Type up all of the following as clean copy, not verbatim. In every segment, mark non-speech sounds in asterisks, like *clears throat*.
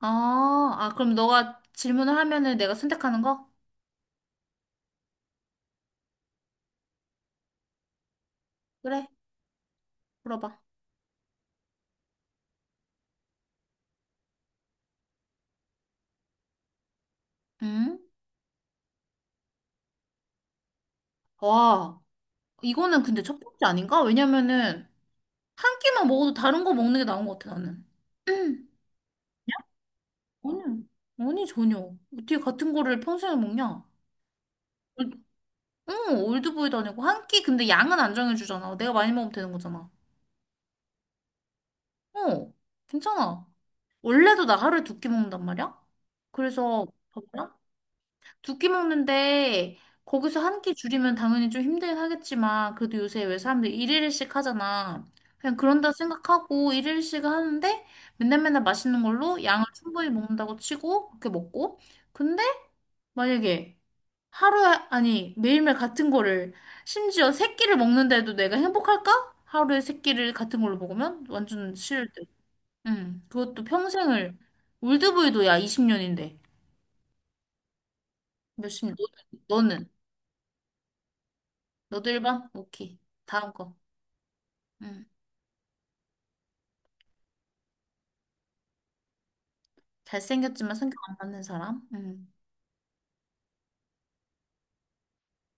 그럼 너가 질문을 하면은 내가 선택하는 거? 그래, 물어봐. 응? 와, 이거는 근데 첫 번째 아닌가? 왜냐면은 한 끼만 먹어도 다른 거 먹는 게 나은 것 같아, 나는. *clears throat* 음, 아니, 아니, 전혀. 어떻게 같은 거를 평생을 먹냐? 응, 올드보이도 아니고 한 끼 근데 양은 안 정해주잖아. 내가 많이 먹으면 되는 거잖아. 어, 괜찮아. 원래도 나 하루에 두 끼 먹는단 말이야? 그래서 봐봐. 두끼 먹는데 거기서 한끼 줄이면 당연히 좀 힘들긴 하겠지만 그래도 요새 왜 사람들이 일일씩 하잖아. 그냥 그런다 생각하고 일일씩 하는데 맨날 맨날 맛있는 걸로 양을 충분히 먹는다고 치고 그렇게 먹고 근데 만약에 하루에 아니 매일매일 같은 거를 심지어 세 끼를 먹는데도 내가 행복할까? 하루에 세 끼를 같은 걸로 먹으면 완전 싫을 듯. 응. 그것도 평생을 올드보이도 야 20년인데 몇십 년. 너는? 너는? 너도 1번 오케이. 다음 거. 음. 잘생겼지만 성격 안 맞는 사람. 음.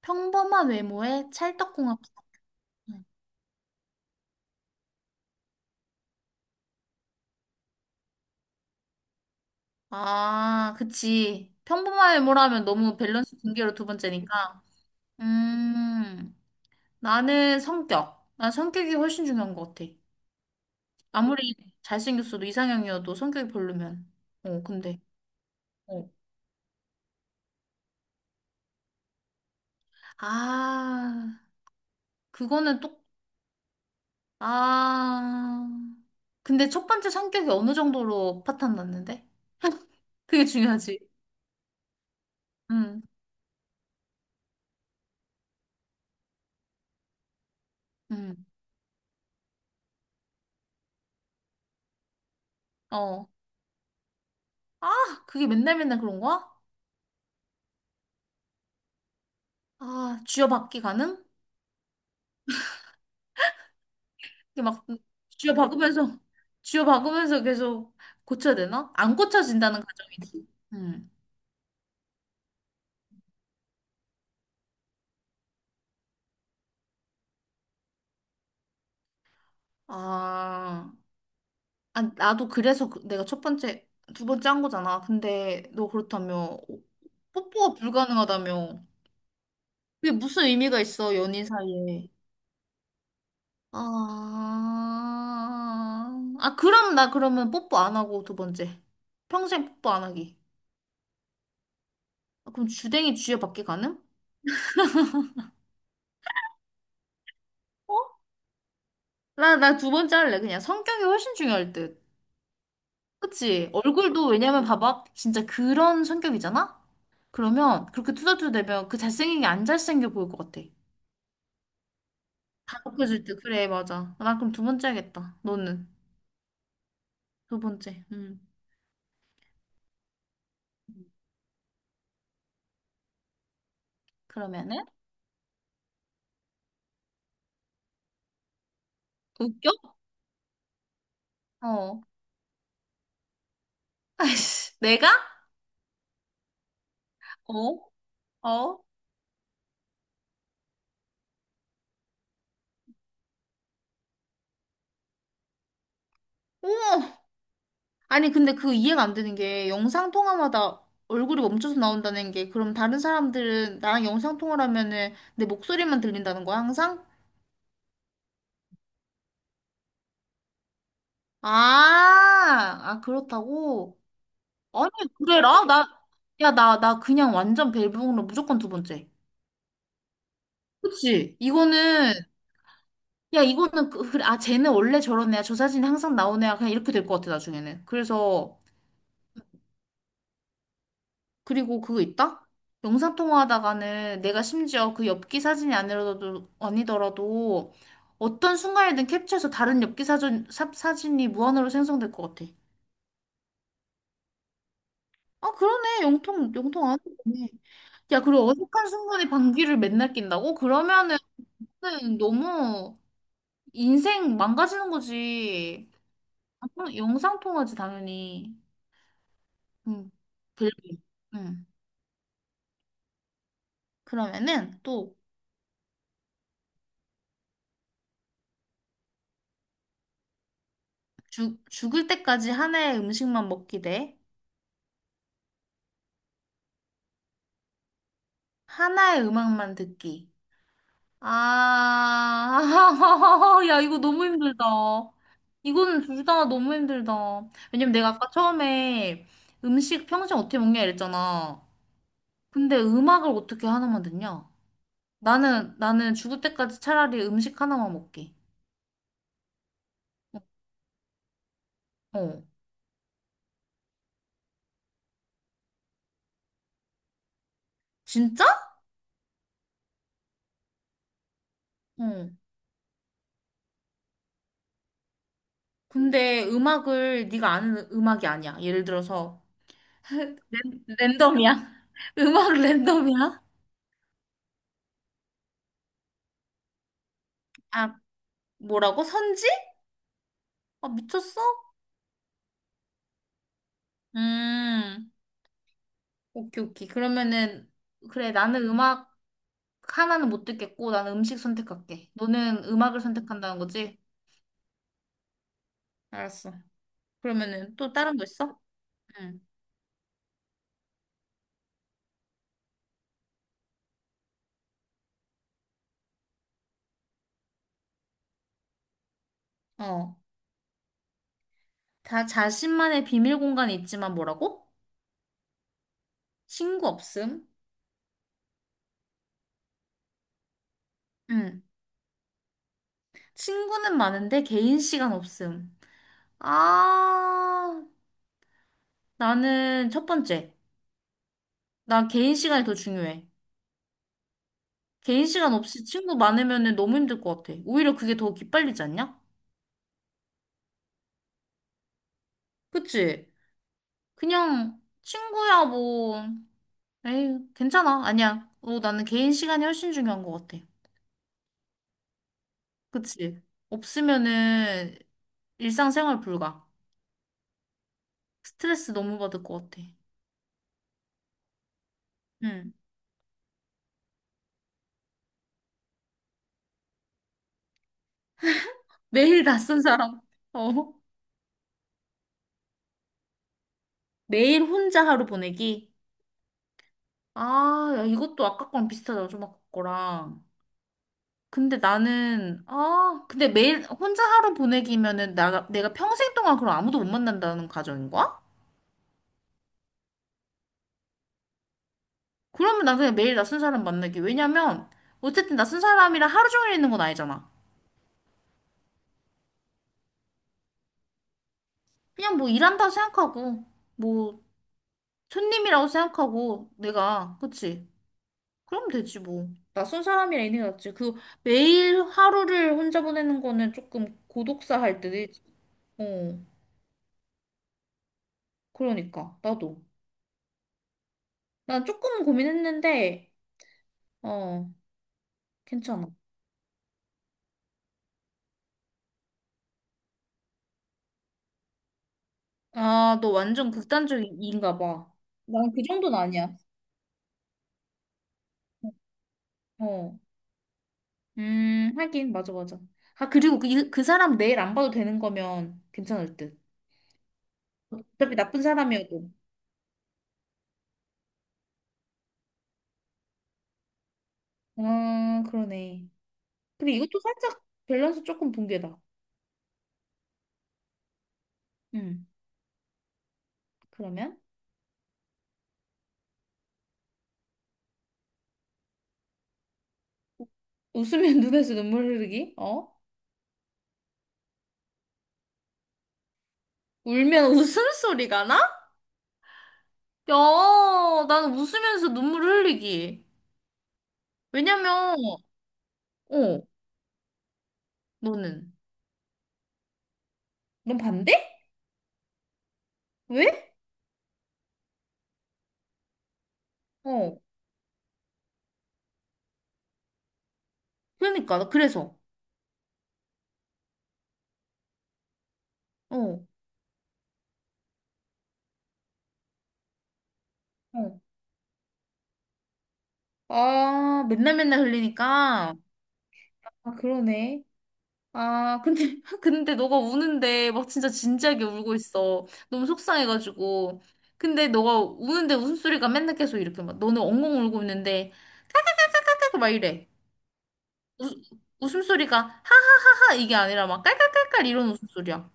평범한 외모에 찰떡궁합. 음. 아, 그치. 평범한 외모라면 너무 밸런스 붕괴로 두 번째니까. 음, 나는 성격. 난 성격이 훨씬 중요한 것 같아. 아무리 잘생겼어도 이상형이어도 성격이 별로면. 어, 근데. 어. 아, 그거는 똑, 아. 근데 첫 번째 성격이 어느 정도로 파탄 났는데? 그게 중요하지. 응, 응, 어. 아, 그게 맨날 맨날 그런 거야? 아, 쥐어박기 가능? 이게 막 쥐어박으면서, 쥐어박으면서 계속 고쳐야 되나? 안 고쳐진다는 가정이지. 응. 아, 나도 그래서 내가 첫 번째, 두 번째 한 거잖아. 근데 너 그렇다며, 뽀뽀가 불가능하다며. 그게 무슨 의미가 있어, 연인 사이에. 아, 아, 그럼 나 그러면 뽀뽀 안 하고 두 번째. 평생 뽀뽀 안 하기. 아, 그럼 주댕이 쥐어받기 가능? 어? 나 두 번째 할래. 그냥 성격이 훨씬 중요할 듯. 그치? 얼굴도 왜냐면 봐봐. 진짜 그런 성격이잖아? 그러면 그렇게 투덜투덜대면 그 잘생긴 게 안 잘생겨 보일 것 같아. 다 벗겨질 듯. 그래, 맞아. 나 그럼 두 번째 하겠다. 너는? 두 번째. 음. 그러면은? 웃겨? 어. 아이씨. 내가? 어? 어? 오! 아니, 근데 그 이해가 안 되는 게 영상 통화마다 얼굴이 멈춰서 나온다는 게 그럼 다른 사람들은 나랑 영상 통화를 하면은 내 목소리만 들린다는 거야, 항상? 아, 그렇다고? 아니, 그래, 라 나, 야, 나 그냥 완전 벨브롱로 무조건 두 번째. 그치? 이거는, 야, 이거는, 그, 그래, 아, 쟤는 원래 저런 애야. 저 사진이 항상 나오는 애야. 그냥 이렇게 될 것 같아, 나중에는. 그래서, 그리고 그거 있다? 영상통화하다가는 내가 심지어 그 엽기 사진이 아니더라도, 아니더라도 어떤 순간에든 캡처해서 다른 엽기 사진, 사진이 무한으로 생성될 것 같아. 아, 그러네. 영통 안 되네. 야, 그리고 어색한 순간에 방귀를 맨날 낀다고? 그러면은 너무 인생 망가지는 거지. 아, 영상통화지, 당연히. 응, 별로. 응. 그러면은 또 죽을 때까지 한 해의 음식만 먹기 대 하나의 음악만 듣기. 아, *laughs* 야, 이거 너무 힘들다. 이거는 둘 다 너무 힘들다. 왜냐면 내가 아까 처음에 음식 평생 어떻게 먹냐 이랬잖아. 근데 음악을 어떻게 하나만 듣냐? 나는 죽을 때까지 차라리 음식 하나만 먹게. 어. 진짜? 어. 근데 음악을 네가 아는 음악이 아니야. 예를 들어서 랜덤이야. *laughs* 음악 랜덤이야? 아, 뭐라고? 선지? 아, 미쳤어? 음, 오케이, 오케이. 그러면은, 그래, 나는 음악 하나는 못 듣겠고, 나는 음식 선택할게. 너는 음악을 선택한다는 거지? 알았어. 그러면은 또 다른 거 있어? 응. 어. 다 자신만의 비밀 공간이 있지만 뭐라고? 친구 없음? 응. 친구는 많은데 개인 시간 없음. 아, 나는 첫 번째. 나 개인 시간이 더 중요해. 개인 시간 없이 친구 많으면은 너무 힘들 것 같아. 오히려 그게 더 기빨리지 않냐? 그치? 그냥 친구야 뭐 에이 괜찮아 아니야 어, 나는 개인 시간이 훨씬 중요한 것 같아. 그치 없으면은 일상생활 불가. 스트레스 너무 받을 것 같아. 응. 매일 낯선 사람 *laughs* 어. 매일 혼자 하루 보내기. 아 야, 이것도 아까 거랑 비슷하다 좀 아까 거랑. 근데 나는 아 근데 매일 혼자 하루 보내기면은 나 내가 평생 동안 그럼 아무도 못 만난다는 가정인 거야? 그러면 난 그냥 매일 낯선 사람 만나기. 왜냐면, 어쨌든 낯선 사람이랑 하루 종일 있는 건 아니잖아. 그냥 뭐 일한다고 생각하고, 뭐 손님이라고 생각하고, 내가, 그치? 그럼 되지 뭐. 낯선 사람이랑 있는 게 낫지. 그 매일 하루를 혼자 보내는 거는 조금 고독사 할 때도 있지. 어, 그러니까. 나도. 난 조금 고민했는데, 어, 괜찮아. 아, 너 완전 극단적인가 봐. 난 그 정도는 아니야. 어. 하긴, 맞아, 맞아. 아, 그리고 그, 그 사람 내일 안 봐도 되는 거면 괜찮을 듯. 어차피 나쁜 사람이어도. 아, 그러네. 근데 이것도 살짝 밸런스 조금 붕괴다. 음, 그러면? 웃으면 *laughs* 눈에서 눈물 흐르기? 어? 울면 웃음소리가 나? 야, 나는 웃으면서 눈물 흘리기. 왜냐면, 어, 너는. 넌 반대? 왜? 어, 그러니까, 나 그래서. 어, 어. 아, 맨날 맨날 흘리니까. 아, 그러네. 아, 근데, *laughs* 근데 너가 우는데 막 진짜 진지하게 울고 있어. 너무 속상해가지고. 근데 너가 우는데 웃음소리가 맨날 계속 이렇게 막, 너는 엉엉 울고 있는데, 깔깔깔깔깔깔 막 이래. 우, 웃음소리가 하하하하 이게 아니라 막 깔깔깔깔 이런 웃음소리야.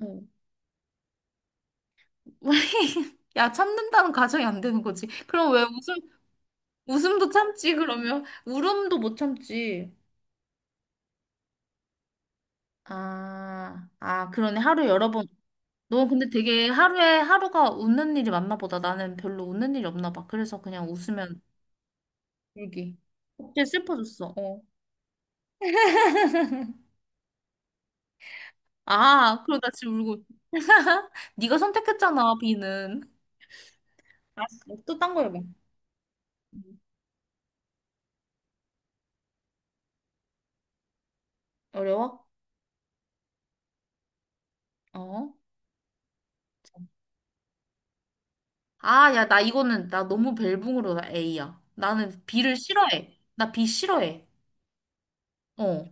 어. *laughs* 야, 참는다는 가정이 안 되는 거지. 그럼 왜 웃음, 웃음도 참지, 그러면. 울음도 못 참지. 그러네. 하루 여러 번. 너 근데 되게 하루에 하루가 웃는 일이 많나 보다. 나는 별로 웃는 일이 없나 봐. 그래서 그냥 웃으면 울기. 갑자기 슬퍼졌어. 어. 아, 그러다 지금 울고. *laughs* 네가 선택했잖아, B는. 알았어. 또딴 거 해봐. 음. 어려워? 어. 아, 야, 나 이거는, 나 너무 벨붕으로 나 A야. 나는 B를 싫어해. 나 B 싫어해. 어.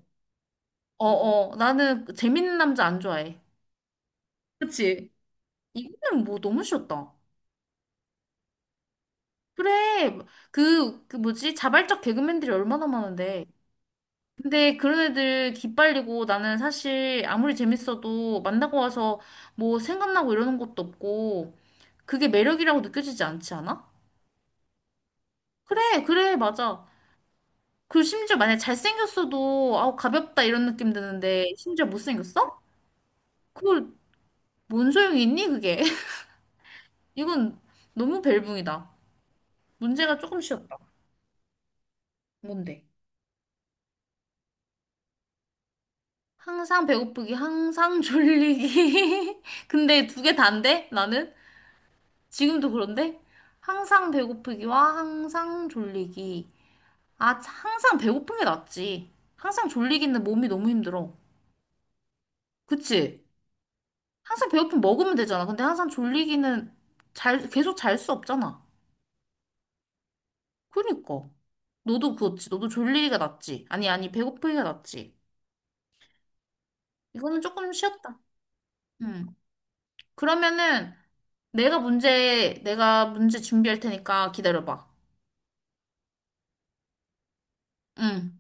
어, 어. 나는 재밌는 남자 안 좋아해. 그치? 이거는 뭐 너무 쉬웠다. 그래. 그, 그 뭐지? 자발적 개그맨들이 얼마나 많은데. 근데 그런 애들 기빨리고 나는 사실 아무리 재밌어도 만나고 와서 뭐 생각나고 이러는 것도 없고 그게 매력이라고 느껴지지 않지 않아? 그래, 그래, 맞아. 그 심지어 만약에 잘생겼어도 아우 가볍다 이런 느낌 드는데 심지어 못생겼어? 그걸 뭔 소용이 있니 그게? *laughs* 이건 너무 벨붕이다. 문제가 조금 쉬웠다. 뭔데? 항상 배고프기, 항상 졸리기. *laughs* 근데 두 개 다인데? 나는? 지금도 그런데? 항상 배고프기와 항상 졸리기. 아, 항상 배고픈 게 낫지. 항상 졸리기는 몸이 너무 힘들어. 그치? 항상 배고프면 먹으면 되잖아. 근데 항상 졸리기는 잘, 계속 잘 수 없잖아. 그니까. 너도 그렇지. 너도 졸리기가 낫지. 아니, 아니, 배고프기가 낫지. 이거는 조금 쉬었다. 음. 그러면은, 내가 문제 준비할 테니까 기다려봐. 응.